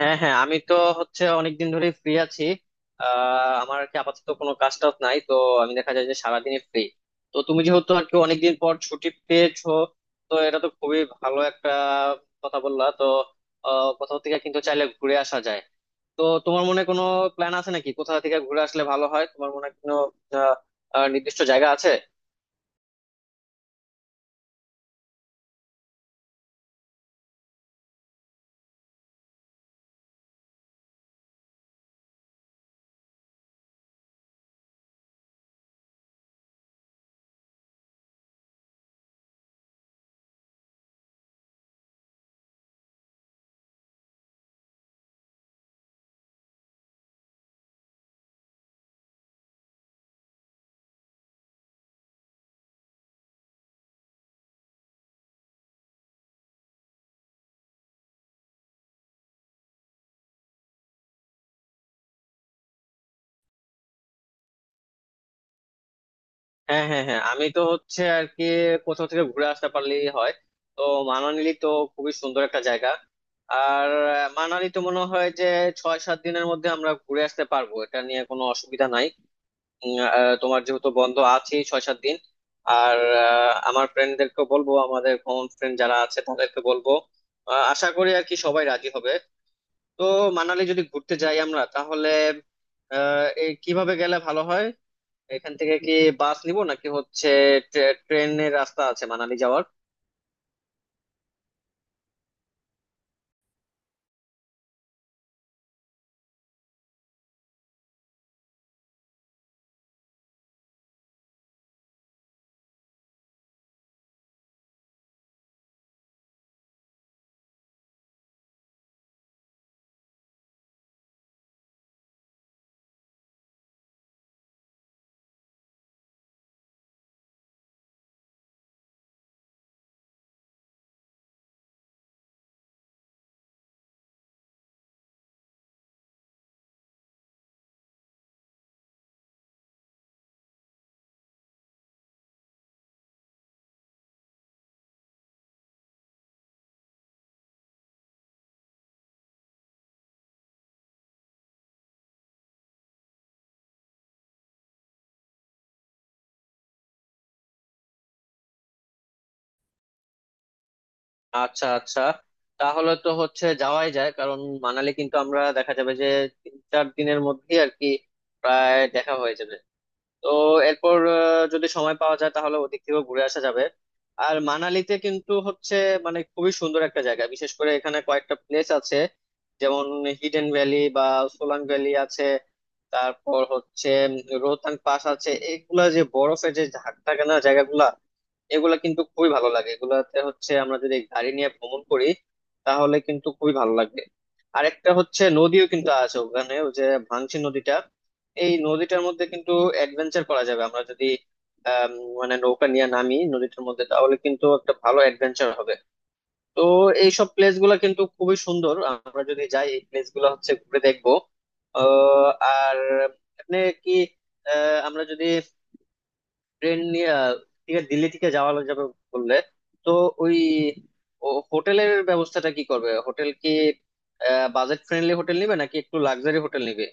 হ্যাঁ হ্যাঁ আমি তো হচ্ছে অনেকদিন ধরে ফ্রি আছি। আমার আর কি আপাতত কোনো কাজ টাজ নাই, তো আমি দেখা যায় যে সারাদিনই ফ্রি। তো তুমি যেহেতু আর কি অনেকদিন পর ছুটি পেয়েছো, তো এটা তো খুবই ভালো একটা কথা বললা। তো কোথাও থেকে কিন্তু চাইলে ঘুরে আসা যায়। তো তোমার মনে কোনো প্ল্যান আছে নাকি? কোথা থেকে ঘুরে আসলে ভালো হয় তোমার মনে হয়? কোনো আহ আহ, নির্দিষ্ট জায়গা আছে? হ্যাঁ হ্যাঁ হ্যাঁ আমি তো হচ্ছে আর কি কোথাও থেকে ঘুরে আসতে পারলেই হয়। তো মানালি তো খুবই সুন্দর একটা জায়গা। আর মানালি তো মনে হয় যে 6-7 দিনের মধ্যে আমরা ঘুরে আসতে পারবো, এটা নিয়ে কোনো অসুবিধা নাই। তোমার যেহেতু বন্ধ আছে 6-7 দিন। আর আমার ফ্রেন্ডদেরকে বলবো, আমাদের কমন ফ্রেন্ড যারা আছে তাদেরকে বলবো। আশা করি আর কি সবাই রাজি হবে। তো মানালি যদি ঘুরতে যাই আমরা, তাহলে এই কিভাবে গেলে ভালো হয়? এখান থেকে কি বাস নিব, নাকি হচ্ছে ট্রেনের রাস্তা আছে মানালি যাওয়ার? আচ্ছা আচ্ছা, তাহলে তো হচ্ছে যাওয়াই যায় কারণ মানালি কিন্তু আমরা দেখা যাবে যে 3-4 দিনের মধ্যেই আর কি প্রায় দেখা হয়ে যাবে। তো এরপর যদি সময় পাওয়া যায় তাহলে ওদিক থেকেও ঘুরে আসা যাবে। আর মানালিতে কিন্তু হচ্ছে মানে খুবই সুন্দর একটা জায়গা, বিশেষ করে এখানে কয়েকটা প্লেস আছে, যেমন হিডেন ভ্যালি বা সোলাং ভ্যালি আছে। তারপর হচ্ছে রোহতাং পাস আছে, এগুলা যে বরফে যে ঝাঁক থাকে না জায়গাগুলা, এগুলা কিন্তু খুবই ভালো লাগে। এগুলাতে হচ্ছে আমরা যদি গাড়ি নিয়ে ভ্রমণ করি তাহলে কিন্তু খুবই ভালো লাগবে। আরেকটা হচ্ছে নদীও কিন্তু আছে ওখানে, ওই যে ভাংসি নদীটা। এই নদীটার মধ্যে কিন্তু অ্যাডভেঞ্চার করা যাবে আমরা যদি আম, মানে নৌকা নিয়ে নামি নদীটার মধ্যে, তাহলে কিন্তু একটা ভালো অ্যাডভেঞ্চার হবে। তো এইসব প্লেস গুলা কিন্তু খুবই সুন্দর, আমরা যদি যাই এই প্লেস গুলা হচ্ছে ঘুরে দেখবো। আহ, আর আপনি কি আমরা যদি ট্রেন নিয়ে ঠিক আছে, দিল্লি থেকে যাওয়া যাবে বললে, তো ওই ও হোটেলের ব্যবস্থাটা কি করবে? হোটেল কি বাজেট ফ্রেন্ডলি হোটেল নিবে নাকি একটু লাক্সারি হোটেল নিবে?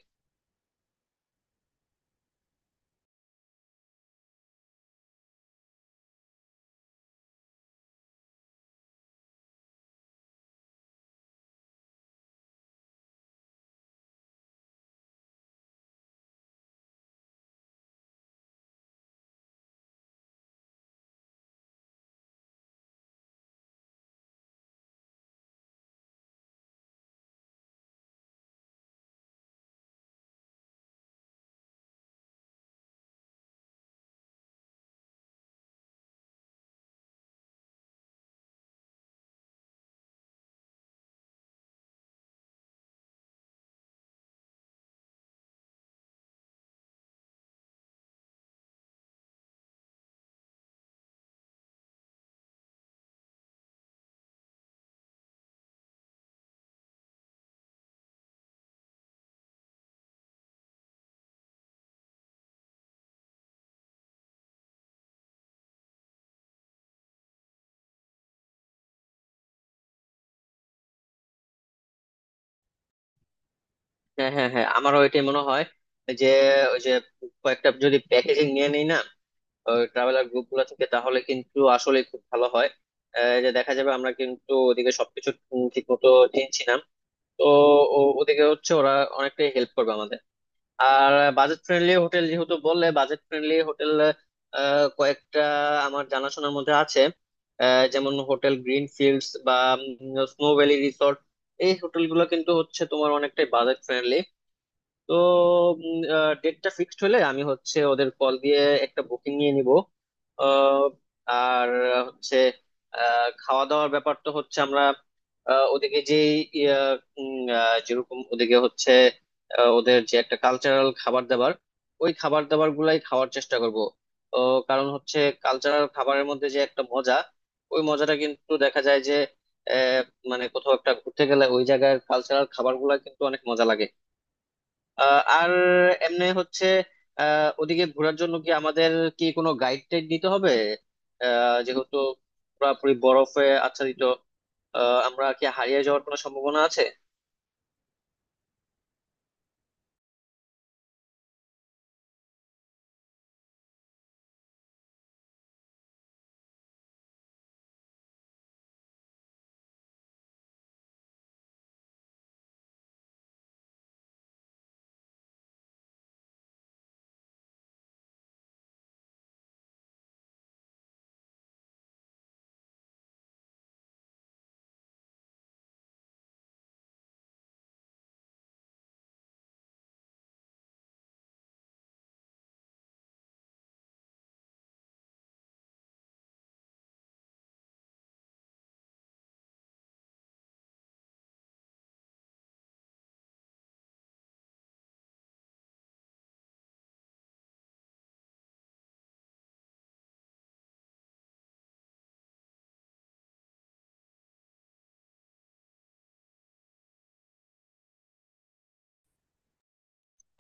হ্যাঁ হ্যাঁ হ্যাঁ আমারও এটাই মনে হয় যে ওই যে কয়েকটা যদি প্যাকেজিং নিয়ে নিই না ট্রাভেলার গ্রুপ গুলো থেকে তাহলে কিন্তু আসলে খুব ভালো হয়। যে দেখা যাবে আমরা কিন্তু ওদিকে সবকিছু ঠিক মতো চিনছি না। তো ওদিকে হচ্ছে ওরা অনেকটাই হেল্প করবে আমাদের। আর বাজেট ফ্রেন্ডলি হোটেল যেহেতু বললে, বাজেট ফ্রেন্ডলি হোটেল কয়েকটা আমার জানাশোনার মধ্যে আছে। যেমন হোটেল গ্রিন ফিল্ডস বা স্নো ভ্যালি রিসর্ট, এই হোটেলগুলো কিন্তু হচ্ছে তোমার অনেকটাই বাজেট ফ্রেন্ডলি। তো ডেটটা ফিক্সড হলে আমি হচ্ছে ওদের কল দিয়ে একটা বুকিং নিয়ে নিব। আহ, আর হচ্ছে খাওয়া দাওয়ার ব্যাপার তো হচ্ছে আমরা ওদিকে যে যেরকম ওদিকে হচ্ছে ওদের যে একটা কালচারাল খাবার দাবার, ওই খাবার দাবার গুলাই খাওয়ার চেষ্টা করব। তো কারণ হচ্ছে কালচারাল খাবারের মধ্যে যে একটা মজা, ওই মজাটা কিন্তু দেখা যায় যে আহ, মানে কোথাও একটা ঘুরতে গেলে ওই জায়গার কালচারাল খাবার গুলা কিন্তু অনেক মজা লাগে। আর এমনি হচ্ছে ওদিকে ঘোরার জন্য কি আমাদের কি কোনো গাইড টাইড নিতে হবে? যেহেতু পুরোপুরি বরফে আচ্ছাদিত, আমরা কি হারিয়ে যাওয়ার কোনো সম্ভাবনা আছে?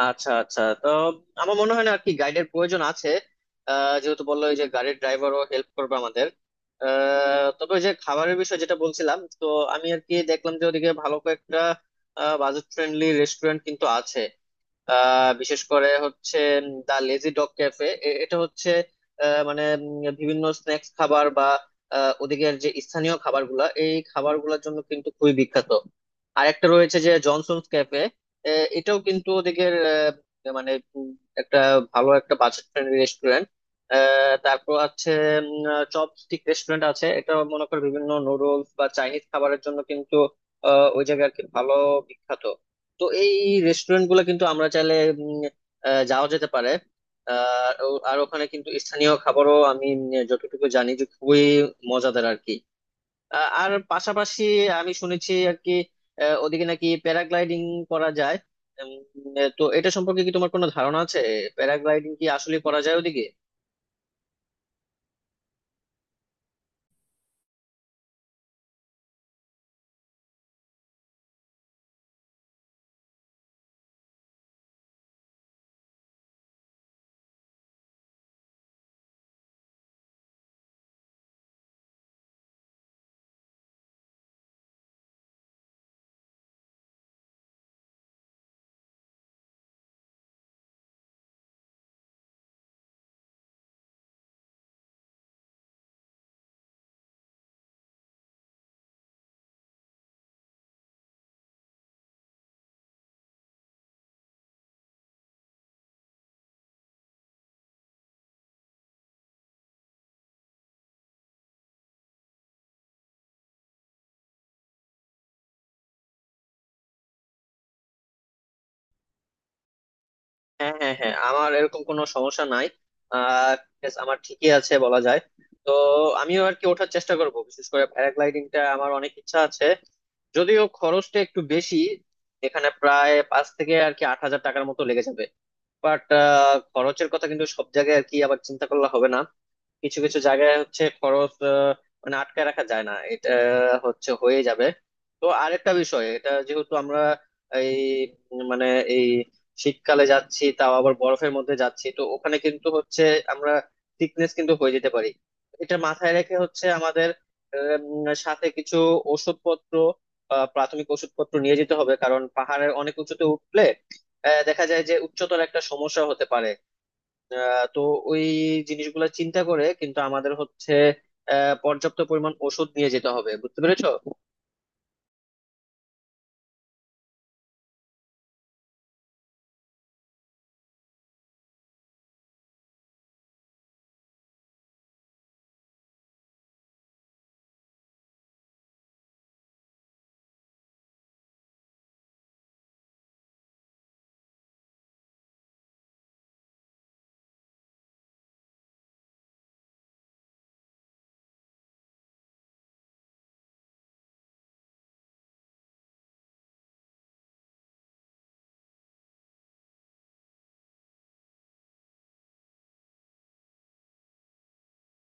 আচ্ছা আচ্ছা, তো আমার মনে হয় না আর কি গাইডের প্রয়োজন আছে। যেহেতু বললো ওই যে গাড়ির ড্রাইভারও হেল্প করবে আমাদের। তবে ওই যে খাবারের বিষয় যেটা বলছিলাম, তো আমি আর কি দেখলাম যে ওদিকে ভালো কয়েকটা বাজেট ফ্রেন্ডলি রেস্টুরেন্ট কিন্তু আছে। বিশেষ করে হচ্ছে দা লেজি ডগ ক্যাফে, এটা হচ্ছে মানে বিভিন্ন স্ন্যাক্স খাবার বা ওদিকের যে স্থানীয় খাবারগুলা, এই খাবারগুলোর জন্য কিন্তু খুবই বিখ্যাত। আর একটা রয়েছে যে জনসনস ক্যাফে, এটাও কিন্তু ওদিকের মানে একটা ভালো একটা বাজেট ফ্রেন্ডলি রেস্টুরেন্ট। তারপর আছে চপ স্টিক রেস্টুরেন্ট আছে, এটা মনে কর বিভিন্ন নুডলস বা চাইনিজ খাবারের জন্য কিন্তু ওই জায়গা আর কি ভালো বিখ্যাত। তো এই রেস্টুরেন্ট গুলো কিন্তু আমরা চাইলে উম, যাওয়া যেতে পারে। আর ওখানে কিন্তু স্থানীয় খাবারও আমি যতটুকু জানি যে খুবই মজাদার আর কি। আর পাশাপাশি আমি শুনেছি আর কি ওদিকে নাকি প্যারাগ্লাইডিং করা যায়। উম, তো এটা সম্পর্কে কি তোমার কোনো ধারণা আছে? প্যারাগ্লাইডিং কি আসলে করা যায় ওদিকে? হ্যাঁ হ্যাঁ হ্যাঁ আমার এরকম কোনো সমস্যা নাই। আহ yes, আমার ঠিকই আছে বলা যায়। তো আমিও আর কি ওঠার চেষ্টা করব, বিশেষ করে প্যারাগ্লাইডিংটা আমার অনেক ইচ্ছা আছে। যদিও খরচটা একটু বেশি, এখানে প্রায় পাঁচ থেকে আর কি 8,000 টাকার মতো লেগে যাবে। বাট খরচের কথা কিন্তু সব জায়গায় আর কি আবার চিন্তা করলে হবে না। কিছু কিছু জায়গায় হচ্ছে খরচ মানে আটকায় রাখা যায় না, এটা হচ্ছে হয়ে যাবে। তো আরেকটা বিষয় এটা, যেহেতু আমরা এই মানে এই শীতকালে যাচ্ছি তাও আবার বরফের মধ্যে যাচ্ছি, তো ওখানে কিন্তু হচ্ছে আমরা সিকনেস কিন্তু হয়ে যেতে পারি। এটা মাথায় রেখে হচ্ছে আমাদের সাথে কিছু ওষুধপত্র, প্রাথমিক ওষুধপত্র নিয়ে যেতে হবে, কারণ পাহাড়ের অনেক উঁচুতে উঠলে দেখা যায় যে উচ্চতর একটা সমস্যা হতে পারে। তো ওই জিনিসগুলো চিন্তা করে কিন্তু আমাদের হচ্ছে পর্যাপ্ত পরিমাণ ওষুধ নিয়ে যেতে হবে, বুঝতে পেরেছো?